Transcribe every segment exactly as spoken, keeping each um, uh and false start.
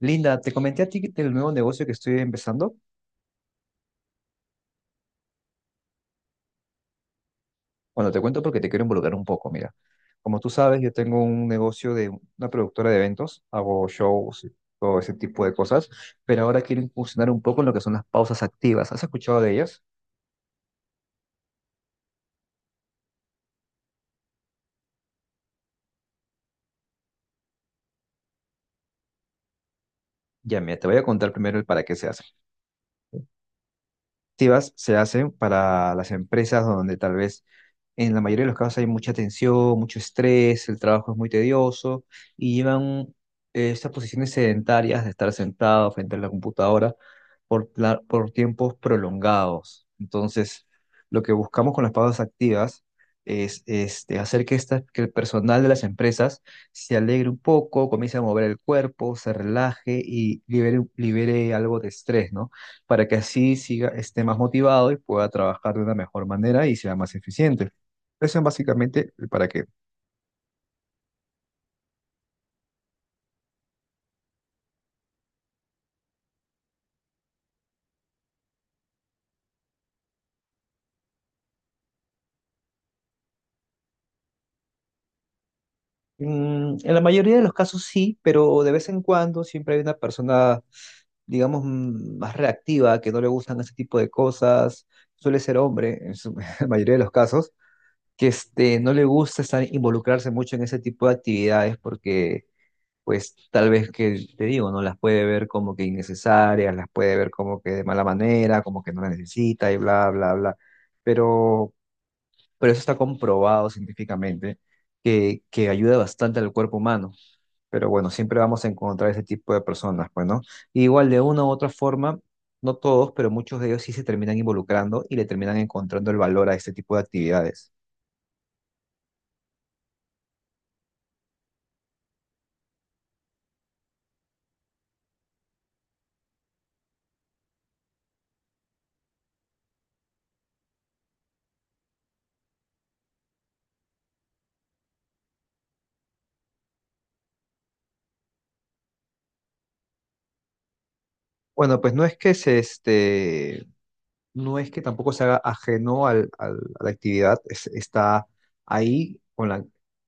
Linda, te comenté a ti del nuevo negocio que estoy empezando. Bueno, te cuento porque te quiero involucrar un poco. Mira, como tú sabes, yo tengo un negocio de una productora de eventos, hago shows y todo ese tipo de cosas, pero ahora quiero incursionar un poco en lo que son las pausas activas. ¿Has escuchado de ellas? Ya, mira, te voy a contar primero el para qué se hacen. Activas se hacen para las empresas donde tal vez en la mayoría de los casos hay mucha tensión, mucho estrés, el trabajo es muy tedioso y llevan eh, estas posiciones sedentarias de estar sentado frente a la computadora por, la- por tiempos prolongados. Entonces, lo que buscamos con las pausas activas es este, hacer que, esta, que el personal de las empresas se alegre un poco, comience a mover el cuerpo, se relaje y libere, libere algo de estrés, ¿no? Para que así siga, esté más motivado y pueda trabajar de una mejor manera y sea más eficiente. Eso es básicamente para qué. Mm, en la mayoría de los casos sí, pero de vez en cuando siempre hay una persona, digamos, mm, más reactiva, que no le gustan ese tipo de cosas. Suele ser hombre en su- la mayoría de los casos, que este, no le gusta estar, involucrarse mucho en ese tipo de actividades porque pues tal vez que te digo, ¿no? Las puede ver como que innecesarias, las puede ver como que de mala manera, como que no la necesita y bla, bla, bla. Pero, pero eso está comprobado científicamente que, que ayuda bastante al cuerpo humano. Pero bueno, siempre vamos a encontrar ese tipo de personas, pues, ¿no? Y igual de una u otra forma, no todos, pero muchos de ellos sí se terminan involucrando y le terminan encontrando el valor a este tipo de actividades. Bueno, pues no es que se, este, no es que tampoco se haga ajeno al, al- a la actividad, es- está ahí, con la,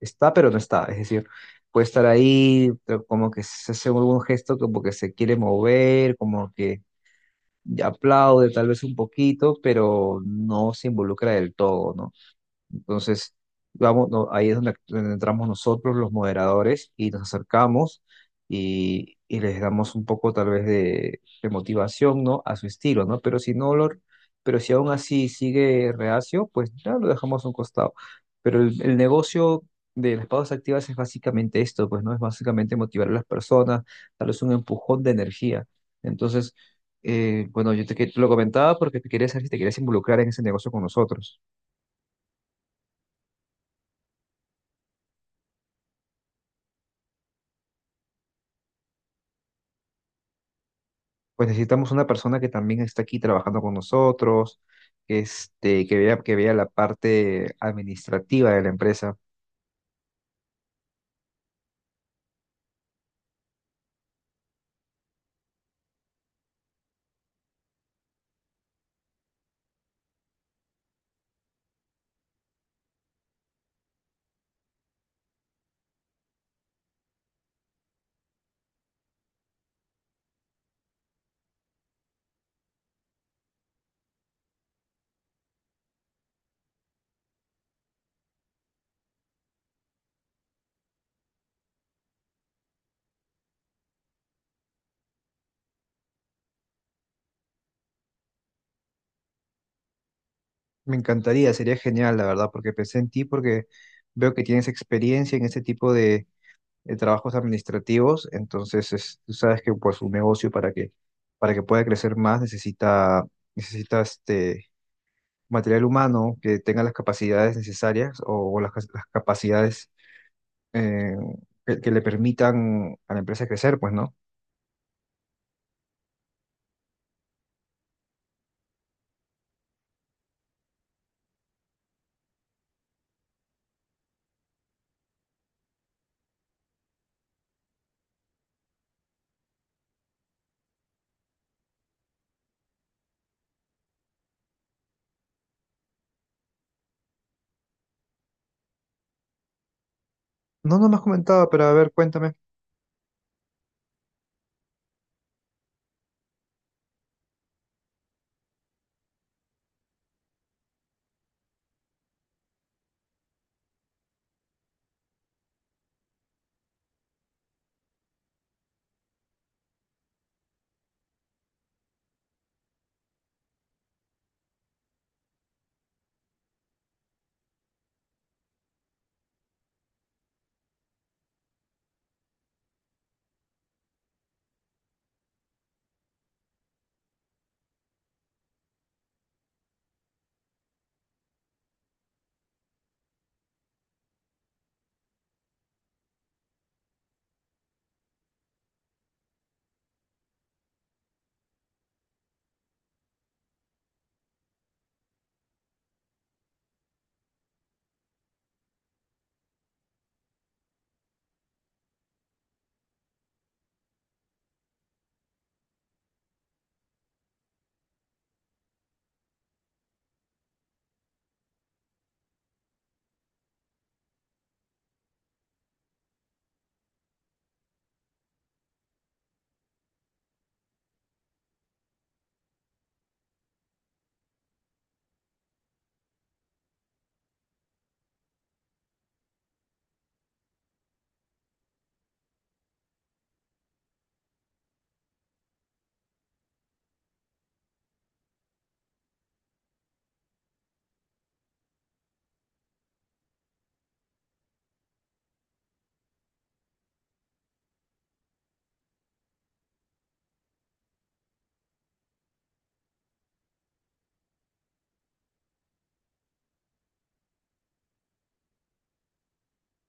está pero no está, es decir, puede estar ahí, pero como que se hace algún gesto, como que se quiere mover, como que aplaude tal vez un poquito, pero no se involucra del todo, ¿no? Entonces, vamos, no, ahí es donde, donde entramos nosotros, los moderadores, y nos acercamos y, y les damos un poco tal vez de, de motivación, ¿no? A su estilo, ¿no? Pero si no lo, pero si aún así sigue reacio, pues ya lo dejamos a un costado. Pero el, el negocio de las pausas activas es básicamente esto, pues, ¿no? Es básicamente motivar a las personas, darles un empujón de energía. Entonces, eh, bueno, yo te, que- te lo comentaba porque te quería saber si te querías involucrar en ese negocio con nosotros. Pues necesitamos una persona que también esté aquí trabajando con nosotros, este, que vea, que vea la parte administrativa de la empresa. Me encantaría, sería genial, la verdad, porque pensé en ti, porque veo que tienes experiencia en este tipo de, de trabajos administrativos, entonces es- tú sabes que pues un negocio para que, para que pueda crecer más necesita, necesita este material humano que tenga las capacidades necesarias o, o las, las capacidades eh, que que le permitan a la empresa crecer, pues, ¿no? No, no me has comentado, pero a ver, cuéntame.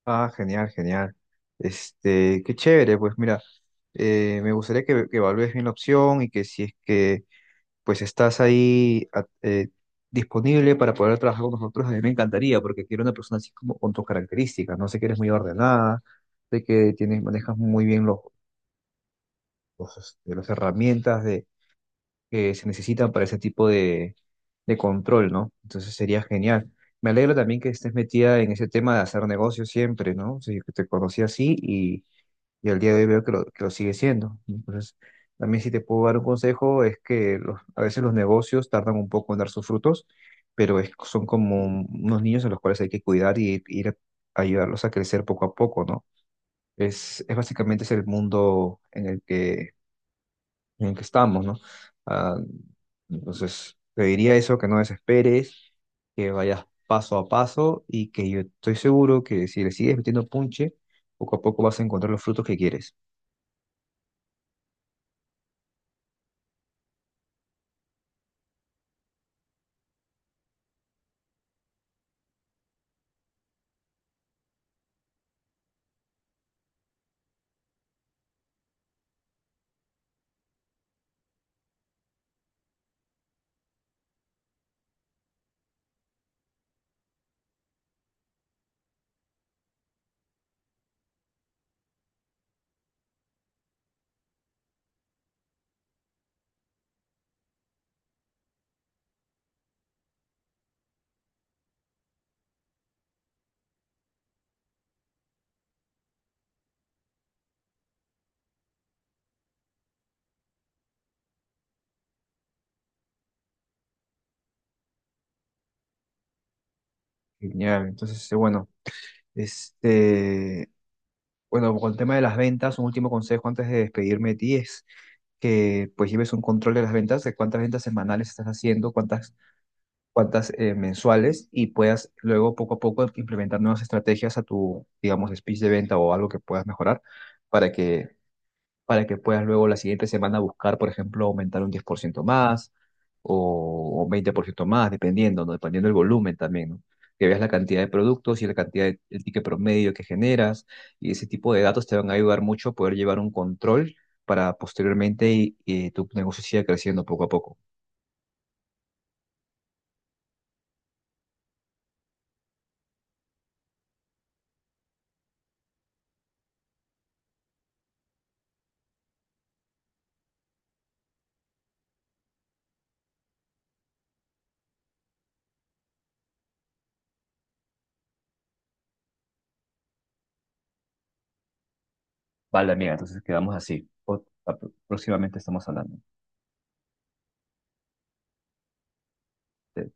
Ah, genial, genial. Este, qué chévere, pues mira, eh, me gustaría que, que evalúes bien la opción y que si es que pues estás ahí a- eh, disponible para poder trabajar con nosotros, a mí me encantaría, porque quiero una persona así como con tus características, no sé que eres muy ordenada, sé que tienes, manejas muy bien los, los, este, las herramientas que se necesitan para ese tipo de, de control, ¿no? Entonces sería genial. Me alegro también que estés metida en ese tema de hacer negocios siempre, ¿no? O sea, yo que te conocí así y, y al día de hoy veo que lo, que lo sigue siendo. Entonces, también si te puedo dar un consejo es que los- a veces los negocios tardan un poco en dar sus frutos, pero es- son como unos niños a los cuales hay que cuidar y ir a ayudarlos a crecer poco a poco, ¿no? Es, es básicamente es el mundo en el que, en el que estamos, ¿no? Ah, entonces, te diría eso, que no desesperes, que vayas paso a paso y que yo estoy seguro que si le sigues metiendo punche, poco a poco vas a encontrar los frutos que quieres. Genial, entonces, este, bueno, este, bueno, con el tema de las ventas, un último consejo antes de despedirme de ti es que pues lleves un control de las ventas, de cuántas ventas semanales estás haciendo, cuántas cuantas eh, mensuales y puedas luego poco a poco implementar nuevas estrategias a tu, digamos, speech de venta o algo que puedas mejorar para que, para que puedas luego la siguiente semana buscar, por ejemplo, aumentar un diez por ciento más o un veinte por ciento más, dependiendo, ¿no? Dependiendo del volumen también, ¿no? Que veas la cantidad de productos y la cantidad de, el ticket promedio que generas y ese tipo de datos te van a ayudar mucho a poder llevar un control para posteriormente y, y tu negocio siga creciendo poco a poco. Vale, amiga, entonces quedamos así. Po- Próximamente estamos hablando. Te-